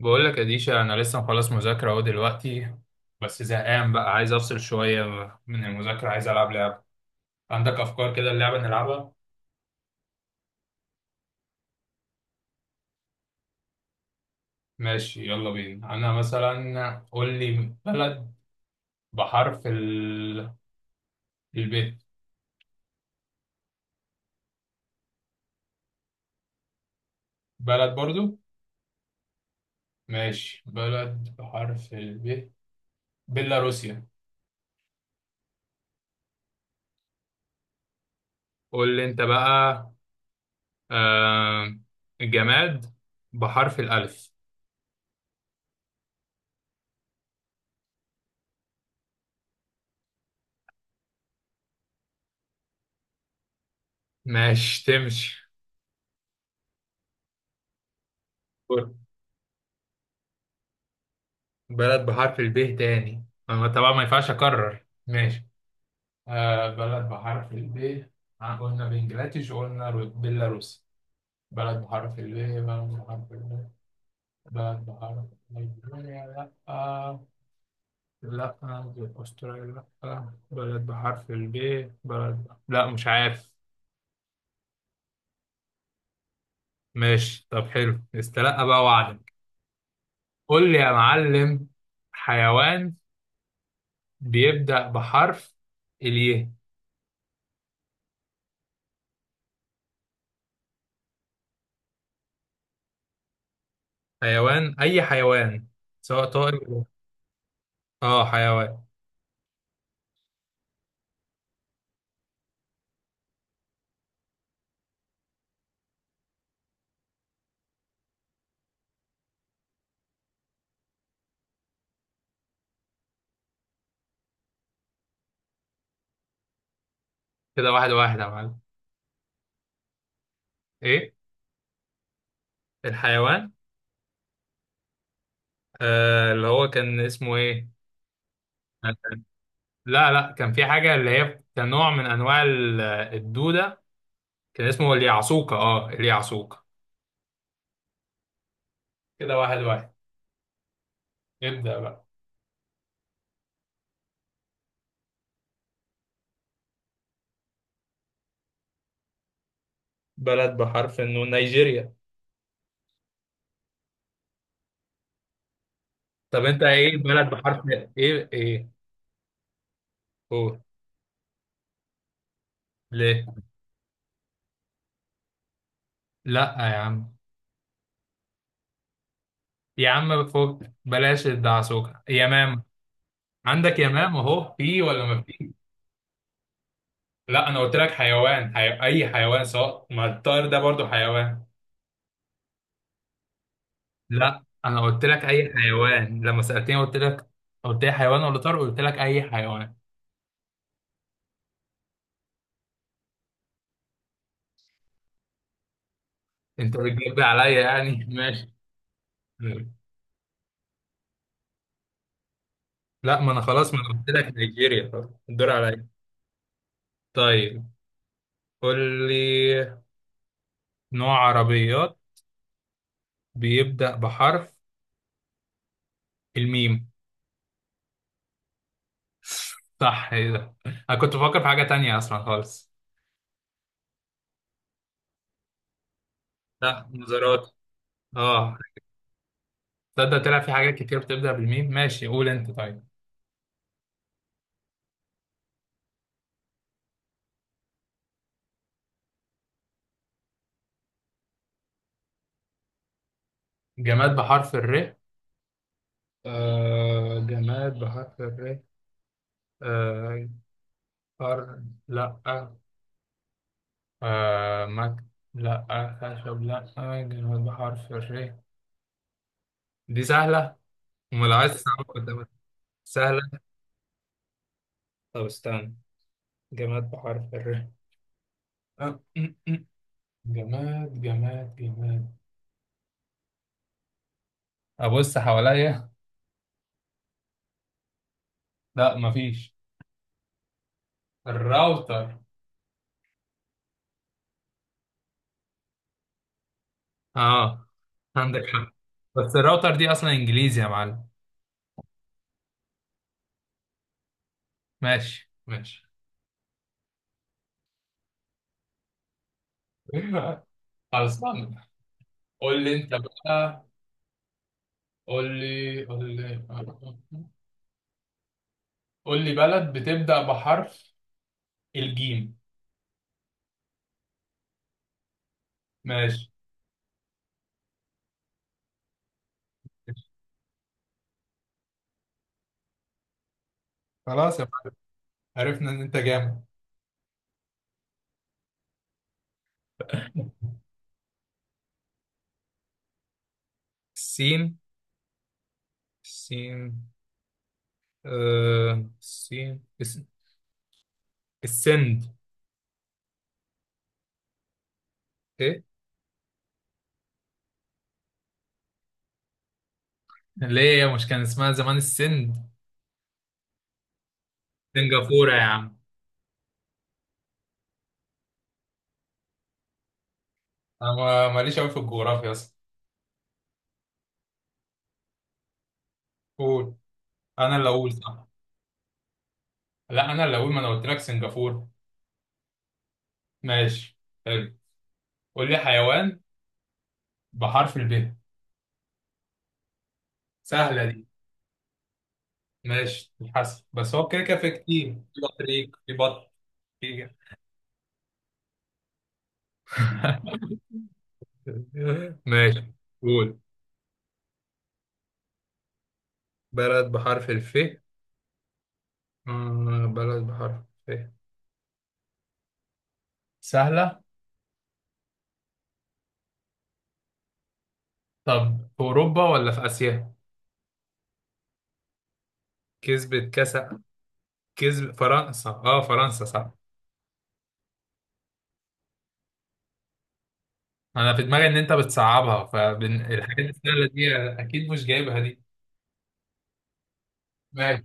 بقول لك يا ديشا، انا لسه مخلص مذاكره اهو دلوقتي. بس زهقان بقى، عايز افصل شويه من المذاكره. عايز العب لعبه. عندك افكار كده اللعبه نلعبها؟ ماشي يلا بينا. انا مثلا قول لي بلد بحرف الب. بلد برضو. ماشي، بلد بحرف الب، بيلاروسيا. قول لي انت بقى. آه... جماد بحرف الالف. ماشي تمشي. بلد بحرف الب تاني. أنا طبعا ما ينفعش اكرر، ماشي. آه بلد بحرف الب. آه، قلنا بنجلاديش وقلنا بيلاروس. بلد بحرف الب، بلد بحرف الب. بلد بحرف. نيجيريا لا. آه لا. استراليا لا. بلد بحرف الب. بلد، لا مش عارف. ماشي طب، حلو، استلقى بقى وعدك. قول لي يا معلم. حيوان بيبدأ بحرف الياء. حيوان، اي حيوان، سواء طائر اه حيوان. كده واحد واحد يا معلم. ايه؟ الحيوان. آه اللي هو كان اسمه ايه. لا لا، كان في حاجه اللي هي كان نوع من انواع الدوده. كان اسمه اليعصوكه، اه اليعصوكه. كده واحد واحد. ابدأ بقى. بلد بحرف انه نيجيريا. طب انت ايه، بلد بحرف. ايه ايه. قول. ليه. لا يا عم. يا عم فوق بلاش الدعسوكه، يمام. عندك يمام اهو، في ولا ما. لا، انا قلت لك حيوان، اي حيوان سواء ما الطائر ده برضو حيوان. لا، انا قلت لك اي حيوان لما سألتني قلت لك. قلت لي حيوان ولا طائر؟ قلت لك اي حيوان. انت بتجيب عليا يعني ماشي. لا، ما انا خلاص، ما انا قلت لك نيجيريا خلاص، الدور عليا. طيب. قول لي نوع عربيات بيبدأ بحرف الميم. صح، ايه ده، انا كنت بفكر في حاجة تانية اصلا خالص. لا مزارات. اه. تصدق طلع في حاجات كتير بتبدأ بالميم. ماشي، قول انت طيب. جماد بحرف الر. آه جماد بحرف الر. آه فر، لا. آه مك، لا. خشب، لا. جماد بحرف الر، دي سهلة. امال عايز تصعب قدامك. سهلة. طب استنى. جماد بحرف الر. آه، م- م. جماد جماد جماد. ابص حواليا. لا مفيش. الراوتر. اه عندك حق. بس الراوتر دي اصلا انجليزي يا معلم. ماشي ماشي. خلاص. قول لي انت بقى. قول لي قول لي. قول لي بلد بتبدأ بحرف الجيم. ماشي. خلاص يا معلم، عرفنا ان انت جامد. السين. السين. آه السين، السند. ايه؟ ليه، يا مش كان اسمها زمان السند. سنغافورة يا عم. انا ماليش قوي في الجغرافيا اصلا. قول. انا اللي اقول صح. لا، انا اللي اقول، ما انا قلت لك سنغافورة. ماشي، حلو. قول لي حيوان بحرف الب. سهلة دي. ماشي الحسن، بس هو كده كده في كتير، في بطريق، في بط، في ماشي. قول بلد بحرف الف. آه بلد بحرف الف. سهلة. طب في أوروبا ولا في آسيا؟ كسبت كأس. كسب فرنسا، اه فرنسا صح. أنا في دماغي إن أنت بتصعبها، فالحاجات السهلة دي أكيد مش جايبها دي. ماشي.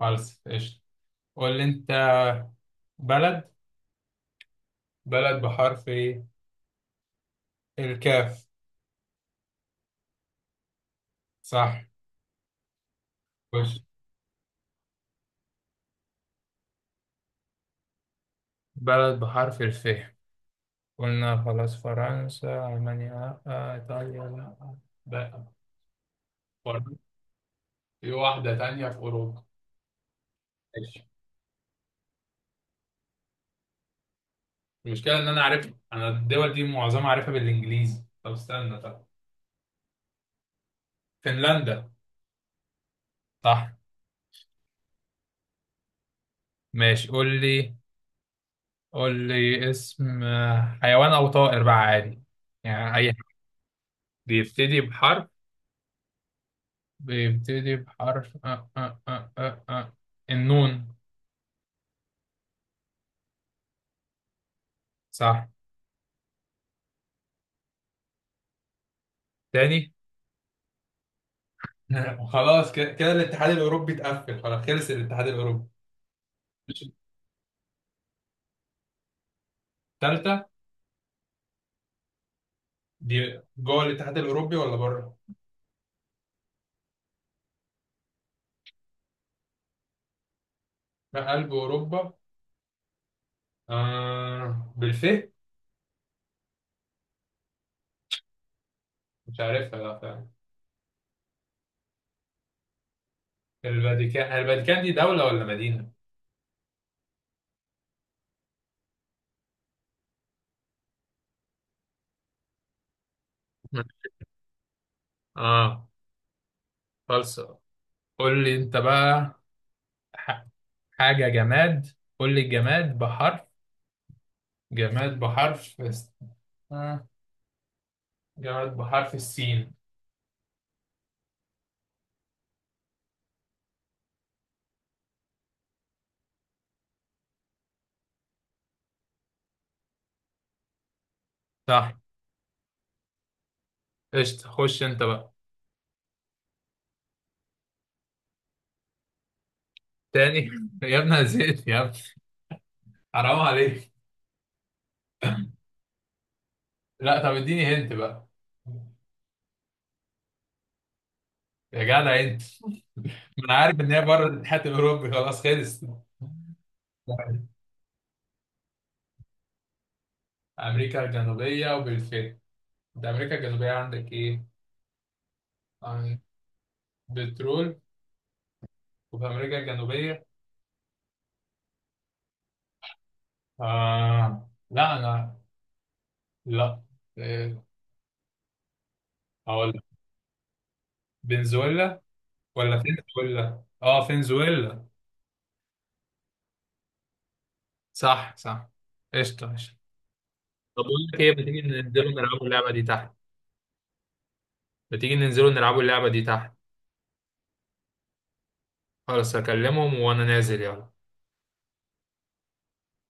خلاص قشطة. قول لي أنت بلد. بلد بحرف ايه؟ الكاف. صح، خش. بلد بحرف الف. قلنا خلاص فرنسا، ألمانيا لأ، إيطاليا لأ. لا برضه. في واحدة تانية في أوروبا. ماشي. المشكلة إن أنا عارف، أنا الدول دي معظمها عارفها بالإنجليزي. طب استنى طب. فنلندا. صح. ماشي، قول لي. قول لي اسم، حيوان أو طائر بقى عادي، يعني أي حاجة. بيبتدي بحرف. بيبتدي بحرف أه أه أه أه أه. آه. النون. صح. تاني؟ وخلاص كده كده الاتحاد الاوروبي اتقفل، خلاص خلص الاتحاد الاوروبي. الثالثه. دي جوه الاتحاد الاوروبي ولا بره؟ لا، قلب اوروبا. آه بالفه. مش عارفها لا فعلا. الفاتيكان. الفاتيكان دي دوله ولا مدينه؟ اه. خلاص. قول لي انت بقى. ح- حاجه جماد. قول لي الجماد بحرف. جماد بحرف الس- آه. جماد بحرف السين. صح، قشطة. خش انت بقى. تاني؟ يا ابني أنا زهقت يا ابني، حرام عليك. لا طب اديني هنت بقى. يا جدع انت. ما انا عارف ان هي بره الاتحاد الاوروبي خلاص خلص. امريكا الجنوبيه، وبالفعل انت امريكا الجنوبيه عندك ايه؟ عن- بترول. وفي امريكا الجنوبيه. آه لا انا. لا. إيه، هقول لك. فنزويلا. ولا فنزويلا، اه فنزويلا. صح صح. قشطه قشطه. طب بقول لك ايه، ما تيجي ننزلوا نلعبوا اللعبه دي تحت؟ ما تيجي ننزلوا نلعبوا اللعبه دي تحت؟ خلاص هكلمهم وانا نازل، يلا.